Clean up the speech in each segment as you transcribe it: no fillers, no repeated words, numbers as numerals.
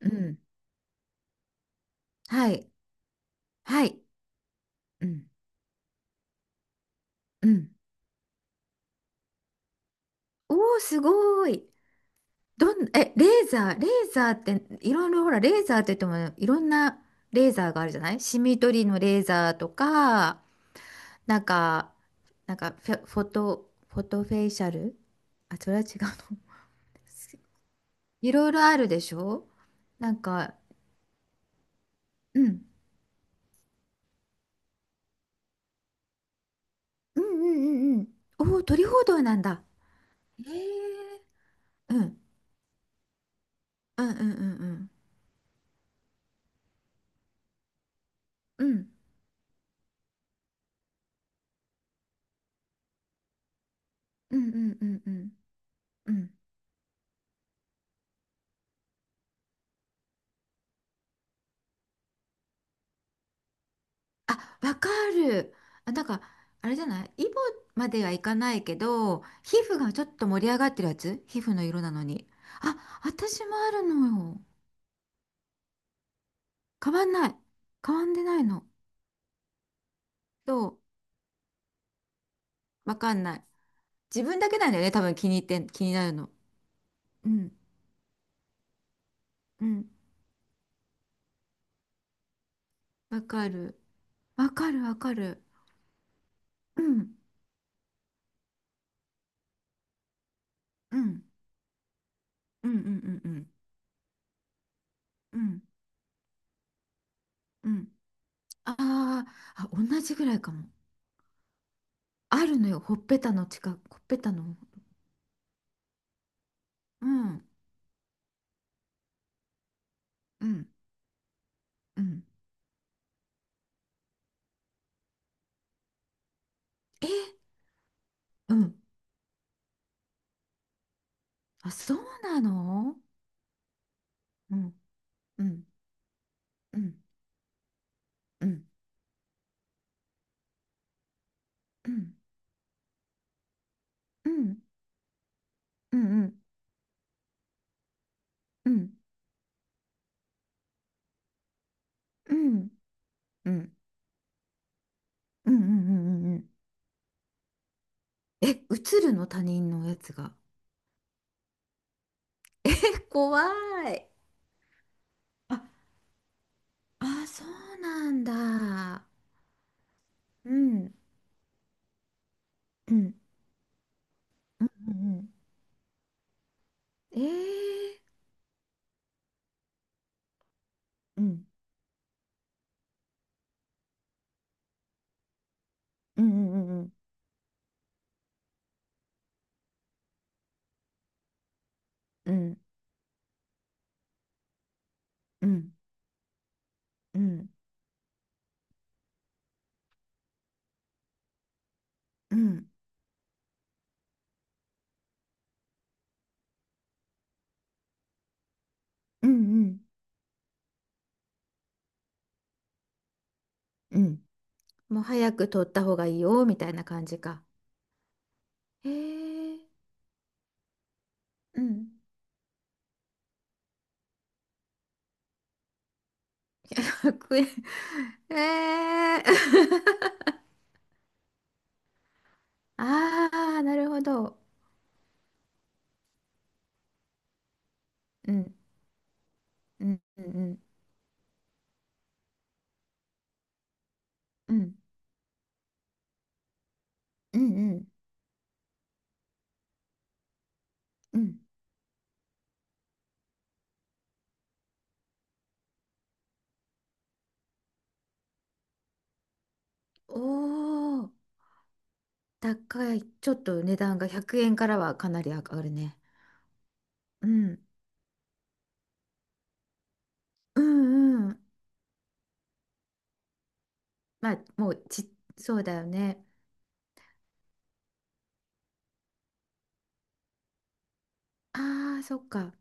うん。はい。はい。うん。うん。おお、すごい。どん、え、レーザーって、いろいろ、ほら、レーザーって言っても、いろんなレーザーがあるじゃない。シミ取りのレーザーとか、なんか、なんかフェ、フォト、フォトフェイシャル。あ、それは違うの。いろいろあるでしょ。なんか、うん。うんうんうんうん。おお、鳥報道なんだ。へえ。うん。うんうんうんうん。うん。うんうんうんうん。うん、あ、わかる。あ、なんか、あれじゃない、イボまではいかないけど、皮膚がちょっと盛り上がってるやつ、皮膚の色なのに。あ、私もあるのよ。変わんない。変わんでないの。どう。わかんない。自分だけなんだよね、多分。気になるの。うん、うん。わかる。わかる。うん、うん、うん、うん、うん、うん、うん。うん、あーあ、同じぐらいかも。あるのよ、ほっぺたの近く、ほっぺたの。うん、うん、うん。え、うん。あ、そうなの。うん、うん、うん、うん、うん、うん、うん、うん、うん、うん、うん、うん、うん、うん。え、映るの、他人のやつが。え、怖い。あ、あ、そうなんだ。うん、うん、うん、ええ、うん、うん、うん、うん、うん、うん、うん、うん、うん。もう早く撮った方がいいよ、みたいな感じか。ええ、うん。白煙。 ええ ああ、なるほど。うん、うん、うん、うん、うん、うん、うん。おおー、高い。ちょっと値段が100円からはかなり上がるね。うん、うん、うん。まあ、もうち、そうだよね。ああ、そっか。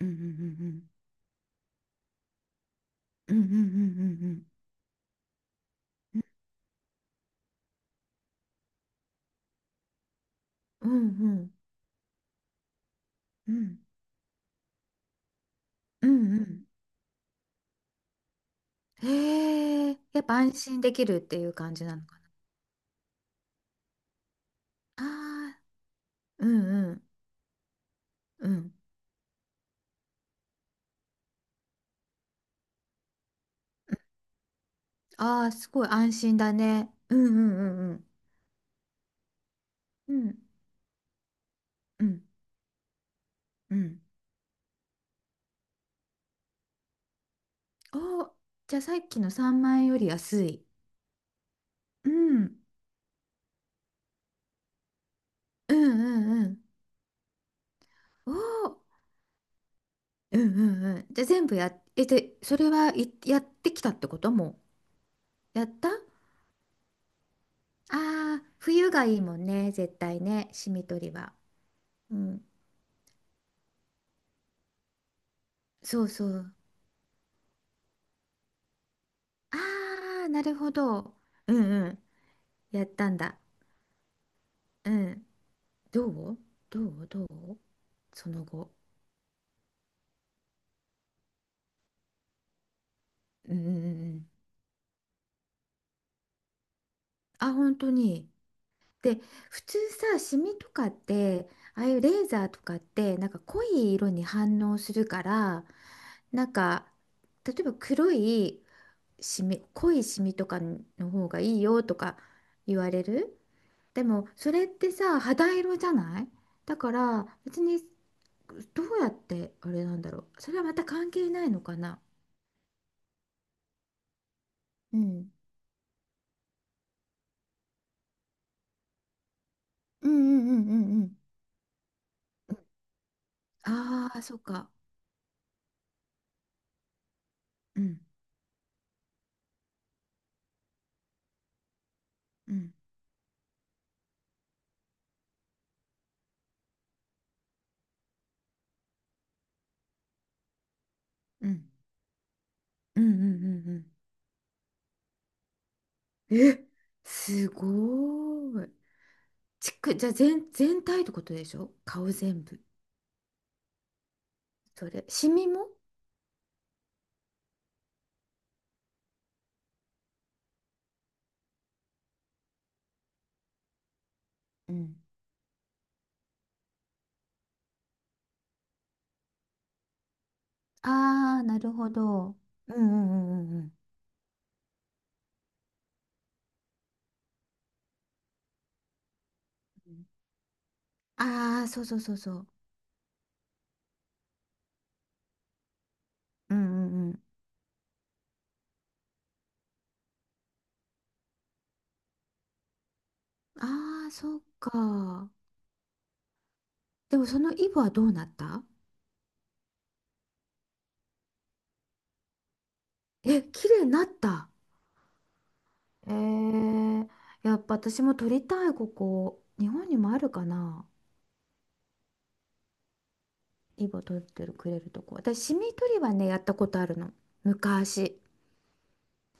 うん、うん、うん、うん、うん、うん、うん、うん、うん、うん、うん、うん。へえ、やっぱ安心できるっていう感じなのかな。ああ、うん、うん。うん。ああ、すごい安心だね。うんうんうんうん。うんうんうん。おー、じゃあさっきの3万円より安い。うん。うんうんうん。おー、うんうんうん。じゃあ全部やっ、え、で、それはいやってきたってこと。もうやった、ああー、冬がいいもんね、絶対ね、しみ取りは。うん。そうそう。ああ、なるほど。うんうん。やったんだ。うん。どうどうどう、その後。うん。あ、本当に。で、普通さ、シミとかって、ああいうレーザーとかって、なんか濃い色に反応するから、なんか、例えば黒いシミ、濃いシミとかの方がいいよとか言われる。でも、それってさ、肌色じゃない、だから、別に、どうやって、あれなんだろう。それはまた関係ないのかな。うん。うんうんうんうんうん。ああ、そうか。うんうんうん。うんうんうんうん、え、すごーい。じゃあ全体ってことでしょ、顔全部。それ、シミも。うん。ああ、なるほど。うんうんうんうんうん。ああー、そうそうそうそう。うんうんうん。ああ、そうか。でもそのイボはどうなった。え、綺麗になった。えー、やっぱ私も撮りたい、ここ。日本にもあるかな、イボ取ってるくれるとこ。私シミ取りはね、やったことあるの、昔。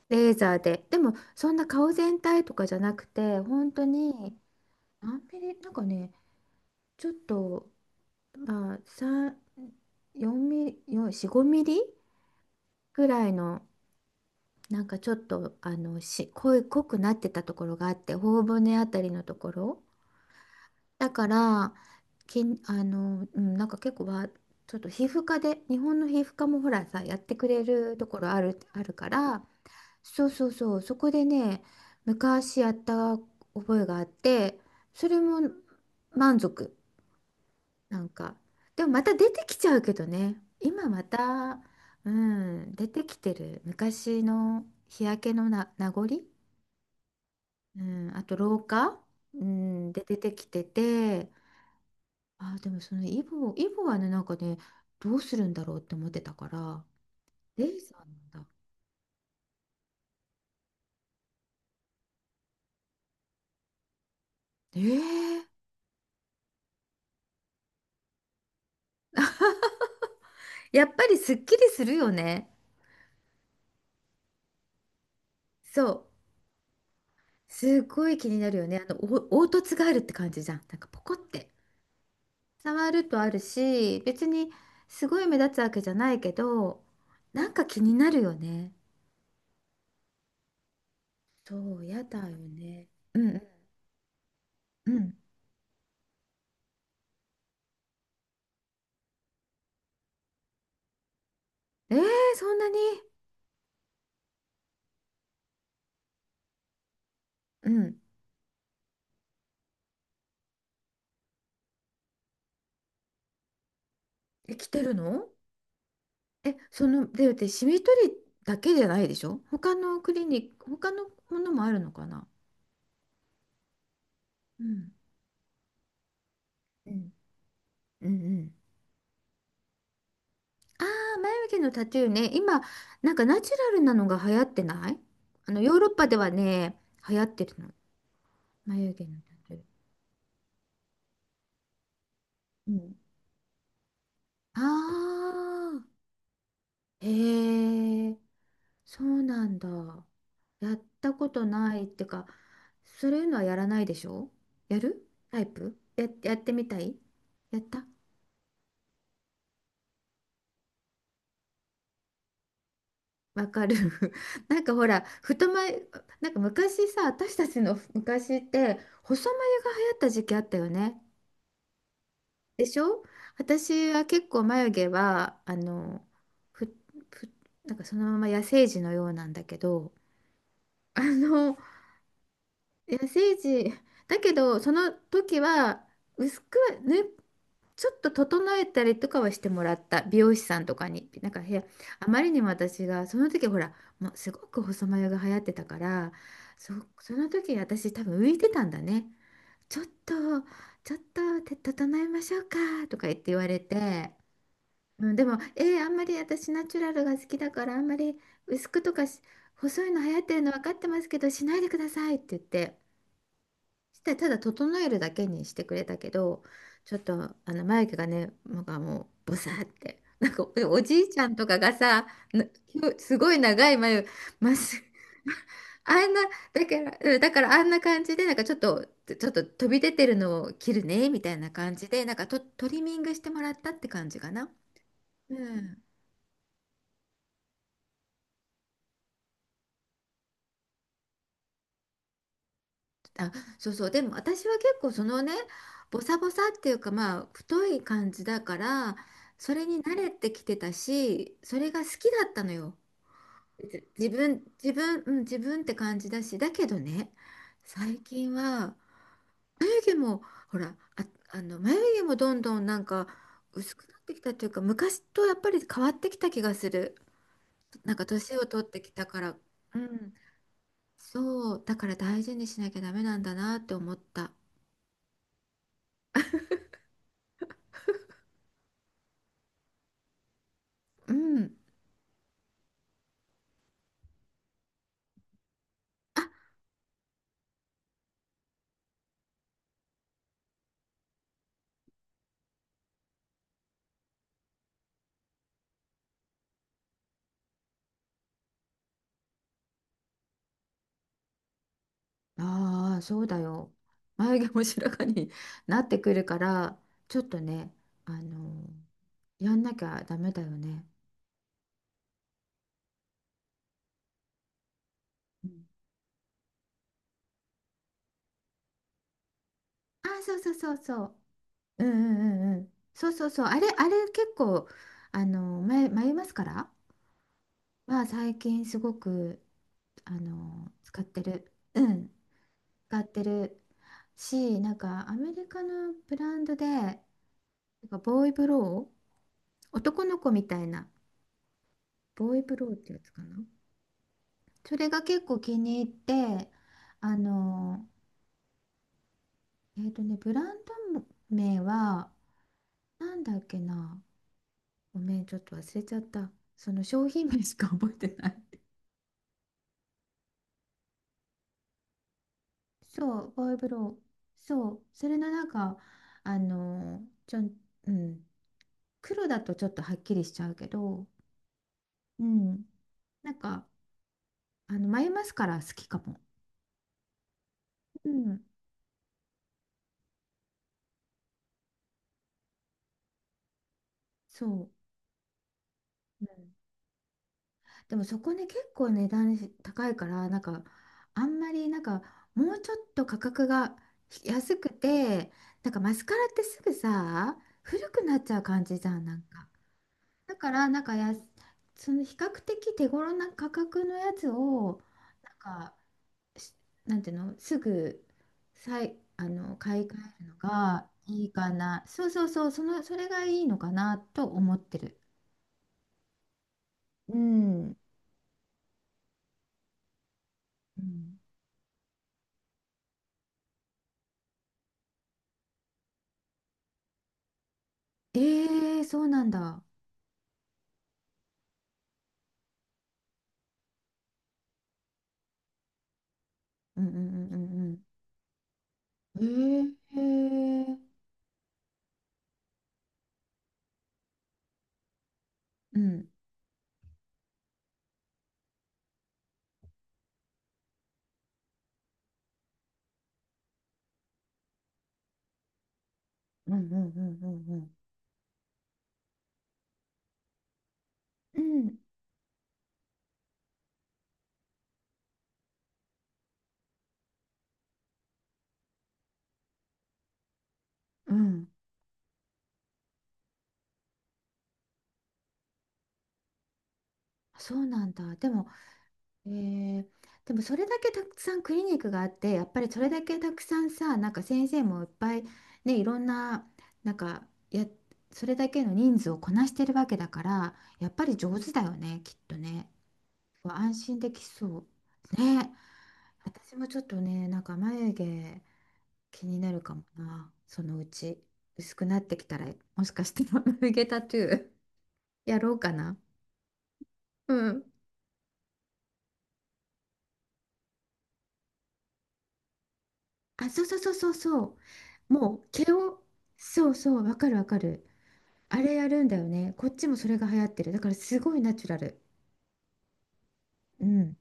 レーザーで。でもそんな顔全体とかじゃなくて、本当に何ミリなんかね、ちょっと、まあ3 4ミリよ4 5ミリぐらいの、なんかちょっと、あの濃い、なってたところがあって、頬骨あたりのところ。だからけんあの、うん、なんか結構はちょっと皮膚科で、日本の皮膚科もほらさ、やってくれるところあるから、そうそうそう、そこでね、昔やった覚えがあって。それも満足。なんか、でもまた出てきちゃうけどね、今また。うん、出てきてる、昔の日焼けの名残、うん、あと老化、うん、で出てきてて。あー、でもそのイボ、イボはね、なんかね、どうするんだろうって思ってたから、レイザーなんだ。えー。やっぱりすっきりするよね。そう。すごい気になるよね。あの、お凹凸があるって感じじゃん、なんかポコって。触るとあるし、別にすごい目立つわけじゃないけど、なんか気になるよね。そう、やだよね。うんうん。うん。えー、そんなに。うん。え、来てるの。え、その、で、で、シミ取りだけじゃないでしょ、他のクリニック、他のものもあるのかな。うん。うん。うんうん。ああ、眉毛のタトゥーね。今、なんかナチュラルなのが流行ってない。あの、ヨーロッパではね、流行ってるの。眉毛のタトゥー。うん。ああ、へえ、そうなんだ。やったことないってか、そういうのはやらないでしょ。やるタイプ、やってみたい。やった。わかる。なんかほら、太眉、なんか昔さ、私たちの昔って、細眉が流行った時期あったよね。でしょ。私は結構眉毛は、あの、ふ、ふ、なんかそのまま野生児のようなんだけど、あの、いや、聖地、だけど、その時は、薄くは、ね、ちょっと整えたりとかはしてもらった、美容師さんとかに。なんか部屋、あまりにも私が、その時ほら、もうすごく細眉が流行ってたから、そ、その時私多分浮いてたんだね。ちょっと、ちょっと、て整えましょうか、とか言われて。うん、でも、えー、あんまり私ナチュラルが好きだから、あんまり薄くとかし細いの流行ってるの分かってますけど、しないでくださいって言って、してただ整えるだけにしてくれたけど、ちょっとあの眉毛がね、なんかもうボサーって、なんかおじいちゃんとかがさ、なすごい長い眉、まっす あんな、だから、あんな感じで、なんかちょっと、飛び出てるのを切るね、みたいな感じで、なんかトリミングしてもらったって感じかな。うん、あ、そうそう。でも私は結構そのね、ボサボサっていうか、まあ太い感じだから、それに慣れてきてたし、それが好きだったのよ。じ自分、自分、うん、自分って感じだし。だけどね、最近は眉毛も、ほら、眉毛もどんどんなんか薄くなってきたっていうか、昔とやっぱり変わってきた気がする。なんか年を取ってきたから、うん、そう、だから大事にしなきゃダメなんだなって思った。うん。ああ、そうだよ。眉毛も白髪に なってくるから、ちょっとね、あの、やんなきゃダメだよね。うん、あ、そうそうそうそう。うんうんうんうん。そうそうそう。あれ結構、眉マスカラは最近すごく、あの、使ってる。うん、使ってるし、なんかアメリカのブランドで、なんかボーイブロー、男の子みたいな、ボーイブローってやつかな。それが結構気に入って。あの、えっとね、ブランド名はなんだっけな。ごめん、ちょっと忘れちゃった、その商品名しか覚えてない。そう、ボーイブロー、そう、それのなんか、あの、ちょん、うん、黒だとちょっとはっきりしちゃうけど、うん、なんかあの眉マスカラ好きかも。うん、そう、うん。でもそこね、結構値段高いからなんかあんまり、なんかもうちょっと価格が安くて、なんかマスカラってすぐさ古くなっちゃう感じじゃん、なんか。だからなんかその比較的手頃な価格のやつを、なんか、し、なんていうの、すぐあの買い替えるのがいいかな。それがいいのかなと思ってる。うん、うん、えー、そうなんだ。うんうんうんうんうん。えー、うんうんうんうんうんうんうんうん、そうなんだ。でも、えー、でもそれだけたくさんクリニックがあって、やっぱりそれだけたくさんさ、なんか先生もいっぱいね、いろんななんか、それだけの人数をこなしてるわけだから、やっぱり上手だよね、きっとね。安心できそうね。私もちょっとね、なんか眉毛気になるかもな、そのうち。薄くなってきたら、もしかして眉毛タトゥー やろうかな。うん。あ、そうそうそうそうそう。もう毛を、そうそう、わかるわかる。あれやるんだよね。こっちもそれが流行ってる。だからすごいナチュラル。うん。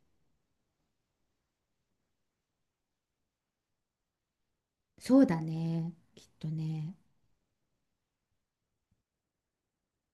そうだね。きっとね。